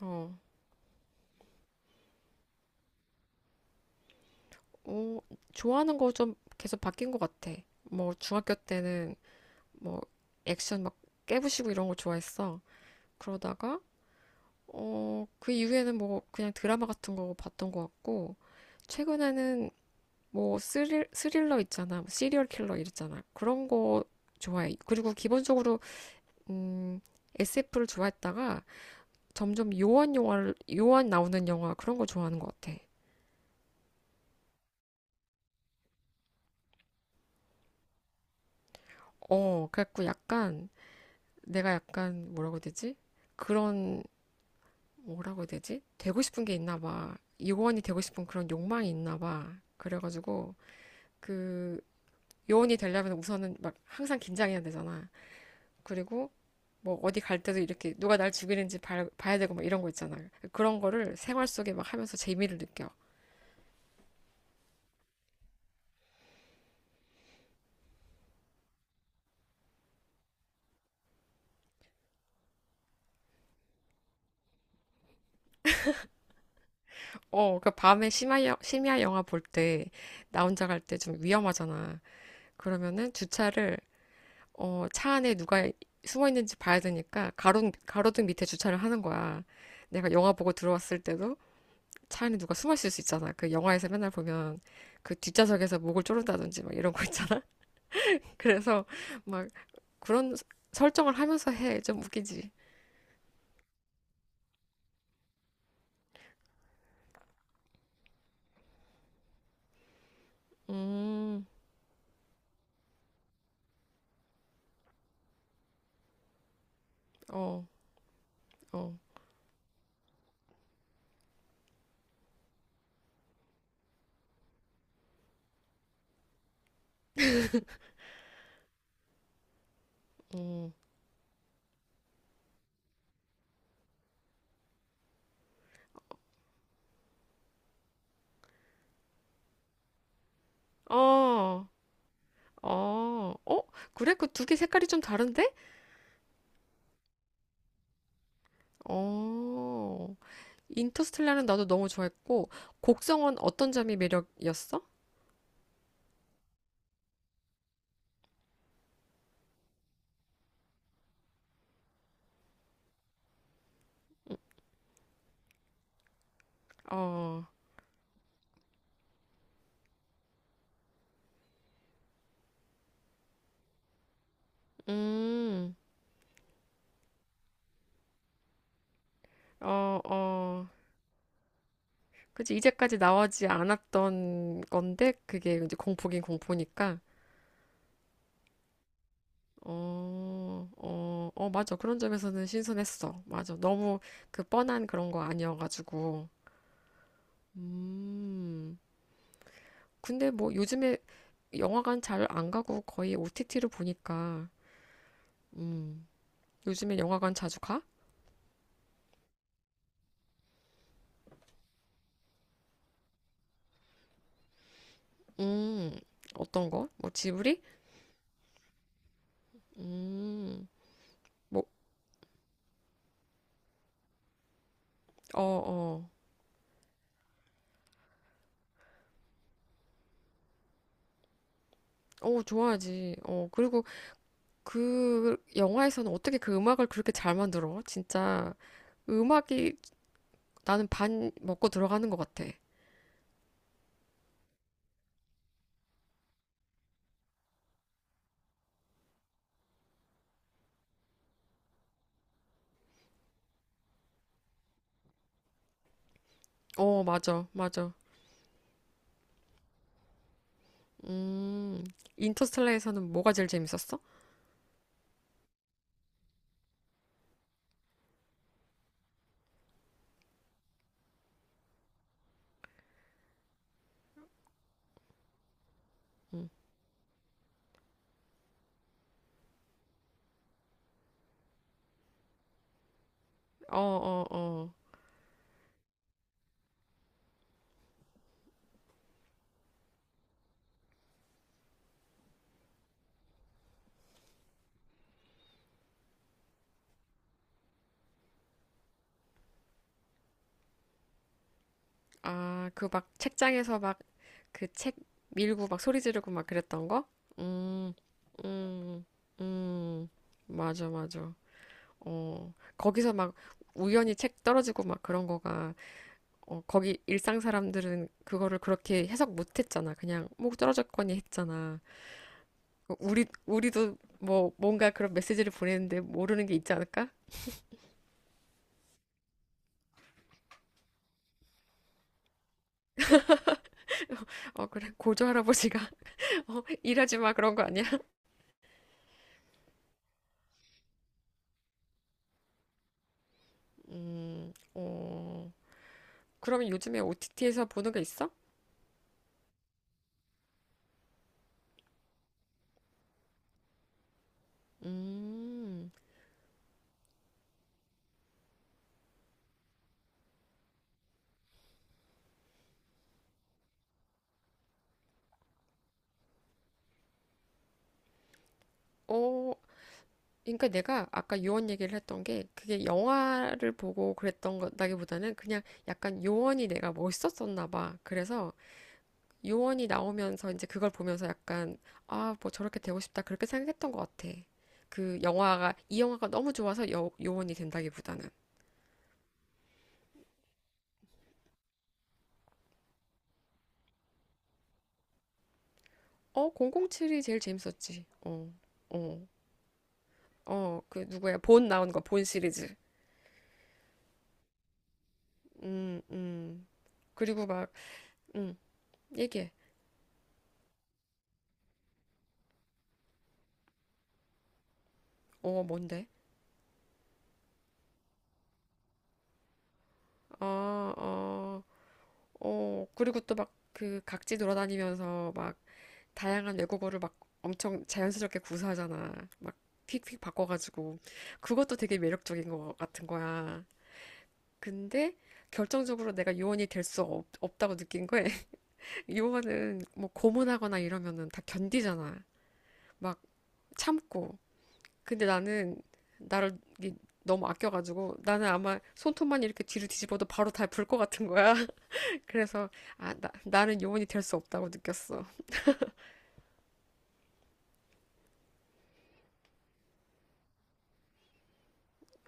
어, 어, 좋아하는 거 좀 계속 바뀐 것 같아. 뭐, 중학교 때는 뭐, 액션 막 깨부시고 이런 거 좋아했어. 그러다가, 그 이후에는 뭐, 그냥 드라마 같은 거 봤던 것 같고, 최근에는 뭐, 스릴러 있잖아. 뭐 시리얼 킬러 이랬잖아. 그런 거 좋아해. 그리고 기본적으로, 음, SF를 좋아했다가 점점 요한 영화를, 요한 나오는 영화 그런 거 좋아하는 것 같아. 어, 그래갖고 약간 내가 약간 뭐라고 해야 되지? 그런 뭐라고 해야 되지? 되고 싶은 게 있나 봐. 요원이 되고 싶은 그런 욕망이 있나 봐. 그래가지고 그 요원이 되려면 우선은 막 항상 긴장해야 되잖아. 그리고 뭐 어디 갈 때도 이렇게 누가 날 죽이는지 봐야 되고 막 이런 거 있잖아. 그런 거를 생활 속에 막 하면서 재미를 느껴. 어, 그 밤에 심야 영화 볼 때 나 혼자 갈 때 좀 위험하잖아. 그러면은 주차를 차 안에 누가 숨어 있는지 봐야 되니까 가로등 밑에 주차를 하는 거야. 내가 영화 보고 들어왔을 때도 차 안에 누가 숨어 있을 수 있잖아. 그 영화에서 맨날 보면 그 뒷좌석에서 목을 조른다든지 막 이런 거 있잖아. 그래서 막 그런 설정을 하면서 해. 좀 웃기지. 음, 어, 어. 음. 어, 어, 어? 그래? 그 두 개 색깔이 좀 다른데? 어, 인터스텔라는 나도 너무 좋아했고, 곡성은 어떤 점이 매력이었어? 어. 음, 어, 어. 그치, 이제까지 나오지 않았던 건데, 그게 이제 공포긴 공포니까. 어, 어, 어, 맞아. 그런 점에서는 신선했어. 맞아. 너무 그 뻔한 그런 거 아니어가지고. 음. 근데 뭐 요즘에 영화관 잘 안 가고 거의 OTT로 보니까, 음. 요즘에 영화관 자주 가? 음. 어떤 거? 뭐 지브리? 음. 뭐, 어, 어. 어, 좋아하지. 어, 그리고 그 영화에서는 어떻게 그 음악을 그렇게 잘 만들어? 진짜 음악이 나는 반 먹고 들어가는 것 같아. 어, 맞아, 맞아. 음, 인터스텔라에서는 뭐가 제일 재밌었어? 음, 어, 어, 어. 아, 그 막 책장에서 막 그 책 밀고 막 소리 지르고 막 그랬던 거? 음, 음, 음, 맞아, 맞아. 어, 거기서 막 우연히 책 떨어지고 막 그런 거가 어, 거기 일상 사람들은 그거를 그렇게 해석 못 했잖아. 그냥 목 떨어졌거니 했잖아. 어, 우리도 뭐 뭔가 그런 메시지를 보내는데 모르는 게 있지 않을까? 어, 그래. 고조 할아버지가 어, 일하지 마 그런 거 아니야? 어, 그러면 요즘에 OTT에서 보는 게 있어? 음, 어, 그러니까 내가 아까 요원 얘기를 했던 게 그게 영화를 보고 그랬던 거다기보다는 그냥 약간 요원이 내가 멋있었었나 봐. 그래서 요원이 나오면서 이제 그걸 보면서 약간 아, 뭐 저렇게 되고 싶다 그렇게 생각했던 것 같아. 그 영화가 이 영화가 너무 좋아서 요원이 된다기보다는 어, 007이 제일 재밌었지. 어, 어, 어, 그 누구야? 본 나온 거, 본 시리즈. 음, 음. 그리고 막, 음, 얘기해. 어, 뭔데? 아, 어, 어. 그리고 또 막 그 각지 돌아다니면서 막 다양한 외국어를 막 엄청 자연스럽게 구사하잖아. 막 휙휙 바꿔가지고. 그것도 되게 매력적인 것 같은 거야. 근데 결정적으로 내가 요원이 될 수 없다고 느낀 거야. 요원은 뭐 고문하거나 이러면은 다 견디잖아. 막 참고. 근데 나는 나를 이게 너무 아껴가지고 나는 아마 손톱만 이렇게 뒤로 뒤집어도 바로 다 불 것 같은 거야. 그래서 아, 나는 요원이 될 수 없다고 느꼈어.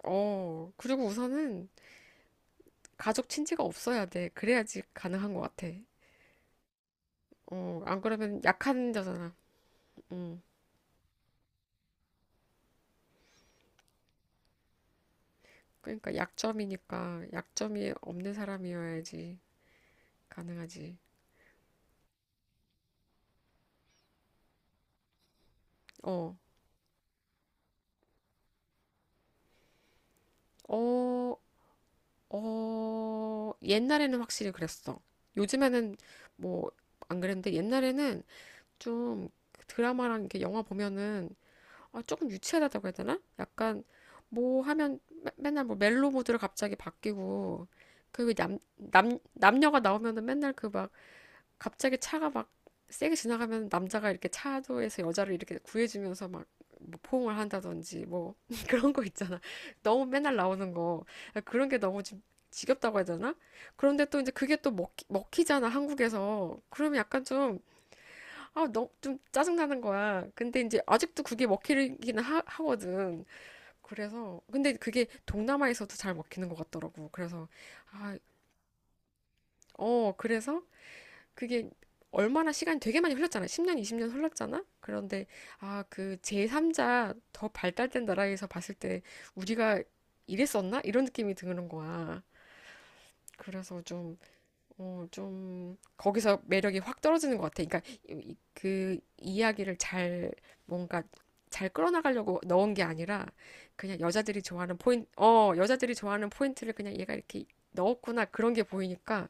어, 그리고 우선은 가족 친지가 없어야 돼. 그래야지 가능한 것 같아. 어, 안 그러면 약한 자잖아. 음. 그러니까 약점이니까 약점이 없는 사람이어야지 가능하지. 어, 어, 어, 옛날에는 확실히 그랬어. 요즘에는 뭐 안 그랬는데 옛날에는 좀 드라마랑 이렇게 영화 보면은 아, 조금 유치하다고 해야 되나? 약간 뭐 하면 맨날 뭐 멜로 모드로 갑자기 바뀌고 그리고 남녀가 나오면은 맨날 그 막 갑자기 차가 막 세게 지나가면 남자가 이렇게 차도에서 여자를 이렇게 구해주면서 막뭐 포옹을 한다든지 뭐 그런 거 있잖아. 너무 맨날 나오는 거. 아, 그런 게 너무 좀 지겹다고 해야 되나? 그런데 또 이제 그게 또 먹히잖아, 한국에서. 그러면 약간 좀 아, 너무 좀 짜증나는 거야. 근데 이제 아직도 그게 먹히긴 하거든. 그래서, 근데 그게 동남아에서도 잘 먹히는 것 같더라고. 그래서, 아, 어, 그래서 그게 얼마나 시간이 되게 많이 흘렀잖아. 10년, 20년 흘렀잖아? 그런데, 아, 그 제3자 더 발달된 나라에서 봤을 때 우리가 이랬었나? 이런 느낌이 드는 거야. 그래서 좀 어, 좀, 거기서 매력이 확 떨어지는 것 같아. 그러니까, 그 이야기를 잘, 뭔가, 잘 끌어나가려고 넣은 게 아니라, 그냥 여자들이 좋아하는 포인트, 어, 여자들이 좋아하는 포인트를 그냥 얘가 이렇게 넣었구나. 그런 게 보이니까,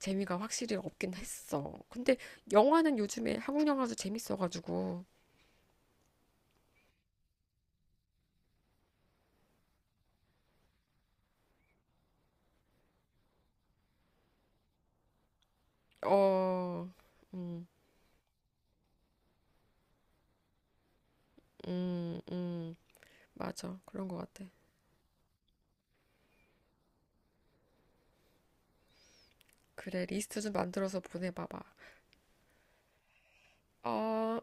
재미가 확실히 없긴 했어. 근데, 영화는 요즘에 한국 영화도 재밌어가지고, 어, 음, 음, 음, 맞아. 그런 것 같아. 그래, 리스트 좀 만들어서 보내봐봐. 어,